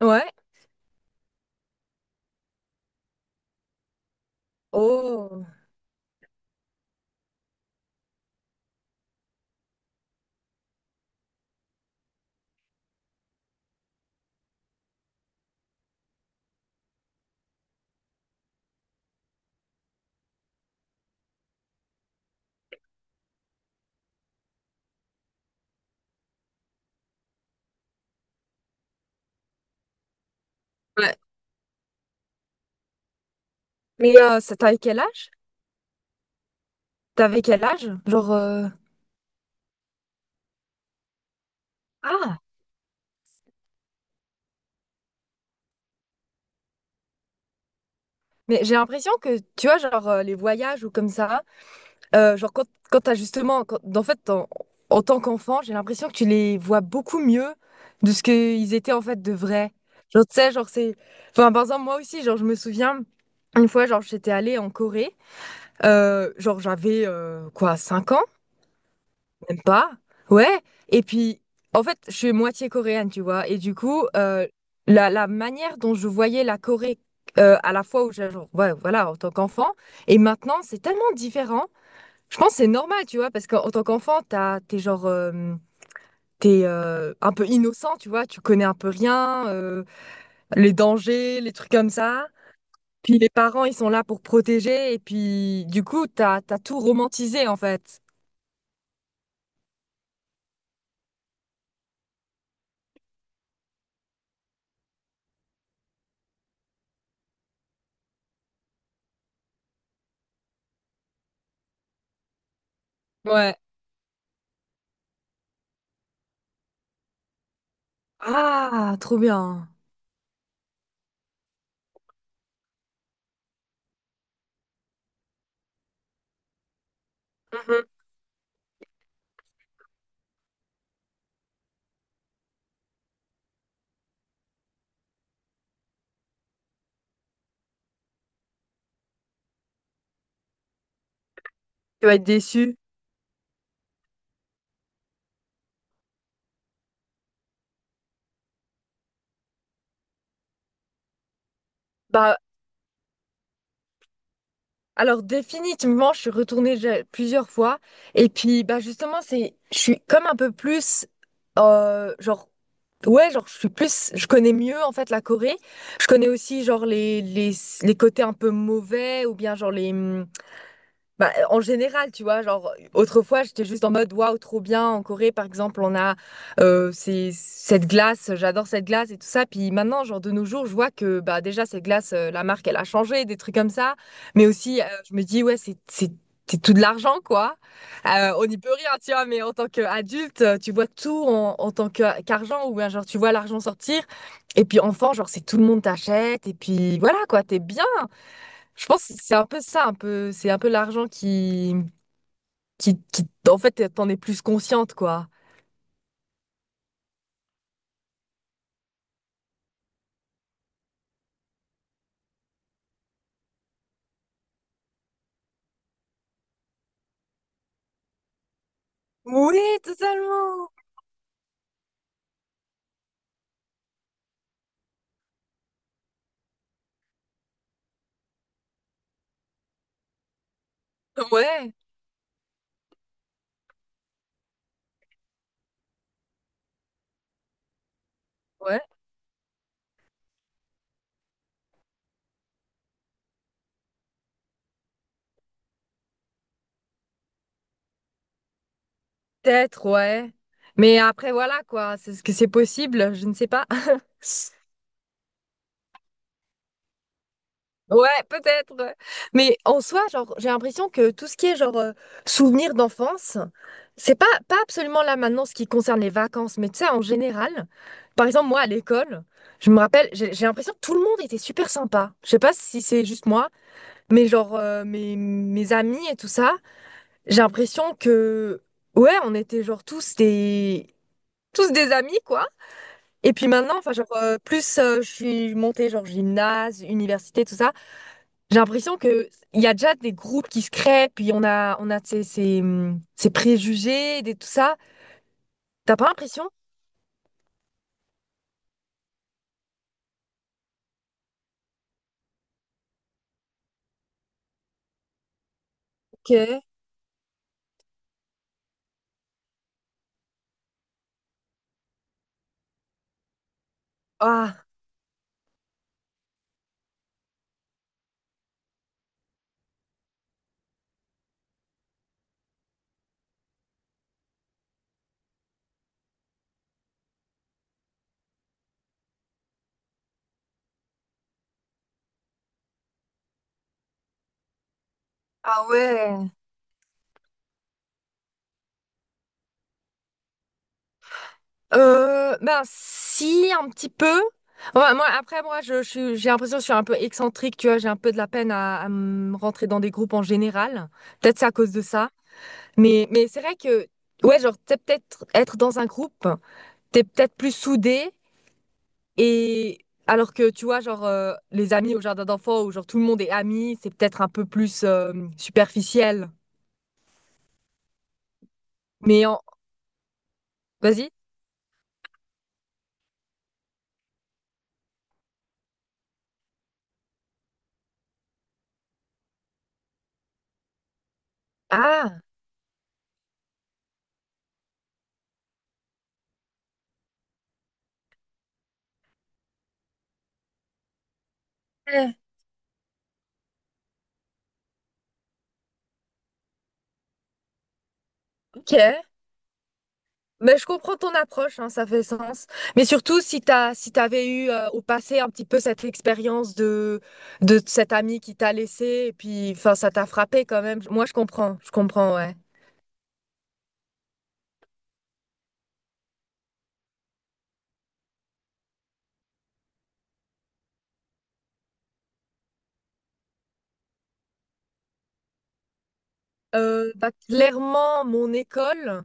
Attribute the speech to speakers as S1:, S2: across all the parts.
S1: Ouais. Oh. Ouais. Mais c'est- t'avais quel âge? T'avais quel âge? Genre. Ah. Mais j'ai l'impression que, tu vois, genre les voyages ou comme ça, genre quand, quand t'as justement. Quand, en fait, en, en tant qu'enfant, j'ai l'impression que tu les vois beaucoup mieux de ce qu'ils étaient en fait de vrai. Genre, tu sais, genre c'est. Enfin, par exemple, moi aussi, genre, je me souviens, une fois, genre, j'étais allée en Corée. Genre, j'avais quoi, 5 ans? Même pas. Ouais. Et puis, en fait, je suis moitié coréenne, tu vois. Et du coup, la manière dont je voyais la Corée à la fois où j'ai, genre, ouais, voilà, en tant qu'enfant, et maintenant, c'est tellement différent. Je pense que c'est normal, tu vois, parce qu'en en tant qu'enfant, t'as, t'es genre, t'es un peu innocent, tu vois. Tu connais un peu rien, les dangers, les trucs comme ça. Puis les parents, ils sont là pour protéger. Et puis, du coup, t'as, t'as tout romantisé, en fait. Ouais. Ah, trop bien. Tu vas être déçu. Bah, alors définitivement, je suis retournée déjà plusieurs fois. Et puis, bah justement, c'est, je suis comme un peu plus, genre, ouais, genre, je suis plus, je connais mieux en fait la Corée. Je connais aussi genre les les côtés un peu mauvais ou bien genre les. Bah, en général, tu vois, genre, autrefois, j'étais juste en mode, waouh, trop bien. En Corée, par exemple, on a ces- cette glace, j'adore cette glace et tout ça. Puis maintenant, genre, de nos jours, je vois que, bah, déjà, cette glace, la marque, elle a changé, des trucs comme ça. Mais aussi, je me dis, ouais, c'est tout de l'argent, quoi. On n'y peut rien, tu vois, mais en tant qu'adulte, tu vois tout en, en tant que- qu'argent, ou bien, genre, tu vois l'argent sortir. Et puis, enfant, genre, c'est tout le monde t'achète. Et puis, voilà, quoi, t'es bien. Je pense que c'est un peu ça, un peu, c'est un peu l'argent qui, en fait, t'en es plus consciente, quoi. Oui, totalement. Ouais, ouais, peut-être, ouais. Mais après, voilà, quoi, c'est ce que c'est possible, je ne sais pas. Ouais, peut-être. Ouais. Mais en soi, genre, j'ai l'impression que tout ce qui est, genre, souvenirs d'enfance, c'est pas, pas absolument là maintenant ce qui concerne les vacances, mais tu sais, en général, par exemple, moi, à l'école, je me rappelle, j'ai l'impression que tout le monde était super sympa. Je sais pas si c'est juste moi. Mais genre, mes, mes amis et tout ça, j'ai l'impression que, ouais, on était genre tous des amis, quoi. Et puis maintenant, enfin, genre, plus je suis montée, genre, gymnase, université, tout ça, j'ai l'impression que il y a déjà des groupes qui se créent, puis on a ces, ces, ces préjugés, des, tout ça. T'as pas l'impression que, ah, ah ouais. Ben si un petit peu. Ouais, moi après moi je suis- j'ai l'impression que je suis un peu excentrique, tu vois, j'ai un peu de la peine à me rentrer dans des groupes en général. Peut-être c'est à cause de ça. Mais c'est vrai que ouais, genre t'es peut-être être dans un groupe, t'es peut-être plus soudé et alors que tu vois genre les amis au jardin d'enfants où genre tout le monde est ami, c'est peut-être un peu plus superficiel. Mais en... Vas-y. Ah, eh, ok. Mais je comprends ton approche, hein, ça fait sens. Mais surtout, si t'as, si t'avais eu au passé un petit peu cette expérience de cet ami qui t'a laissé, et puis enfin, ça t'a frappé quand même. Moi, je comprends, ouais. Bah, clairement, mon école,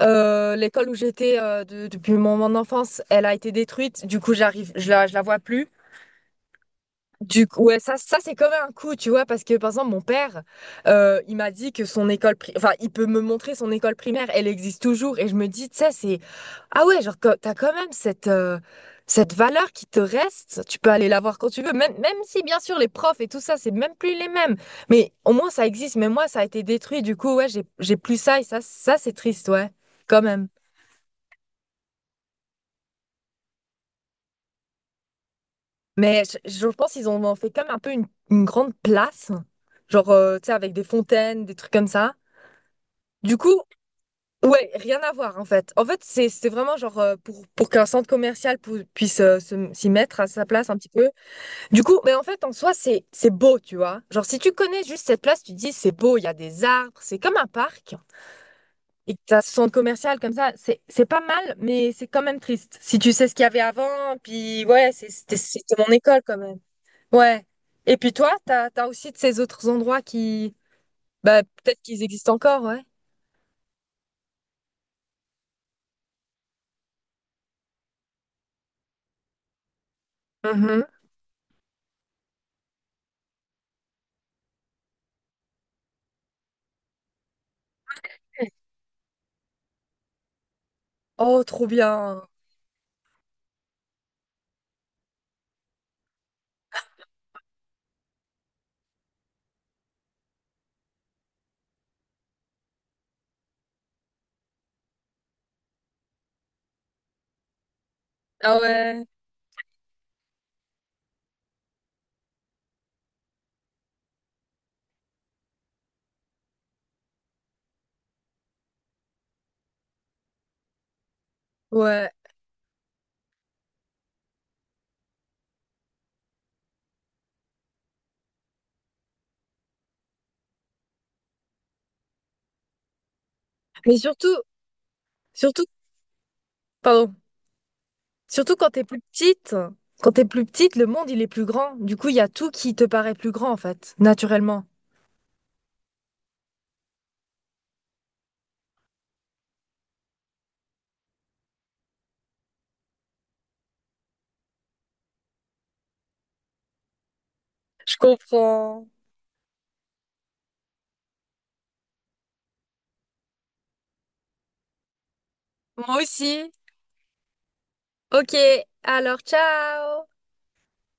S1: l'école où j'étais de- depuis mon, mon enfance, elle a été détruite. Du coup, j'arrive, je la vois plus. Du coup, ouais, ça c'est comme un coup, tu vois, parce que par exemple, mon père, il m'a dit que son école pri- enfin, il peut me montrer son école primaire, elle existe toujours, et je me dis, tu sais, c'est, ah ouais, genre, co- t'as quand même cette, cette valeur qui te reste, tu peux aller la voir quand tu veux, même, même si, bien sûr, les profs et tout ça, c'est même plus les mêmes, mais au moins, ça existe, mais moi, ça a été détruit, du coup, ouais, j'ai plus ça, et ça, ça, c'est triste, ouais, quand même. Mais je pense qu'ils ont en fait comme un peu une grande place, genre, tu sais, avec des fontaines, des trucs comme ça. Du coup, ouais, rien à voir en fait. En fait, c'est vraiment genre pour qu'un centre commercial pou- puisse se- s'y mettre à sa place un petit peu. Du coup, mais en fait, en soi, c'est beau, tu vois. Genre si tu connais juste cette place, tu te dis c'est beau, il y a des arbres, c'est comme un parc. Et que t'as ce centre commercial comme ça, c'est pas mal, mais c'est quand même triste. Si tu sais ce qu'il y avait avant, puis ouais, c'est- c'était c'était mon école quand même. Ouais. Et puis toi, t'as t'as aussi de ces autres endroits qui, bah peut-être qu'ils existent encore, ouais. Mhm. Oh, trop bien. Ah ouais, ouais. Mais surtout, surtout, pardon, surtout quand t'es plus petite, quand t'es plus petite, le monde il est plus grand. Du coup, il y a tout qui te paraît plus grand en fait, naturellement. Je comprends. Moi aussi. Ok, alors ciao!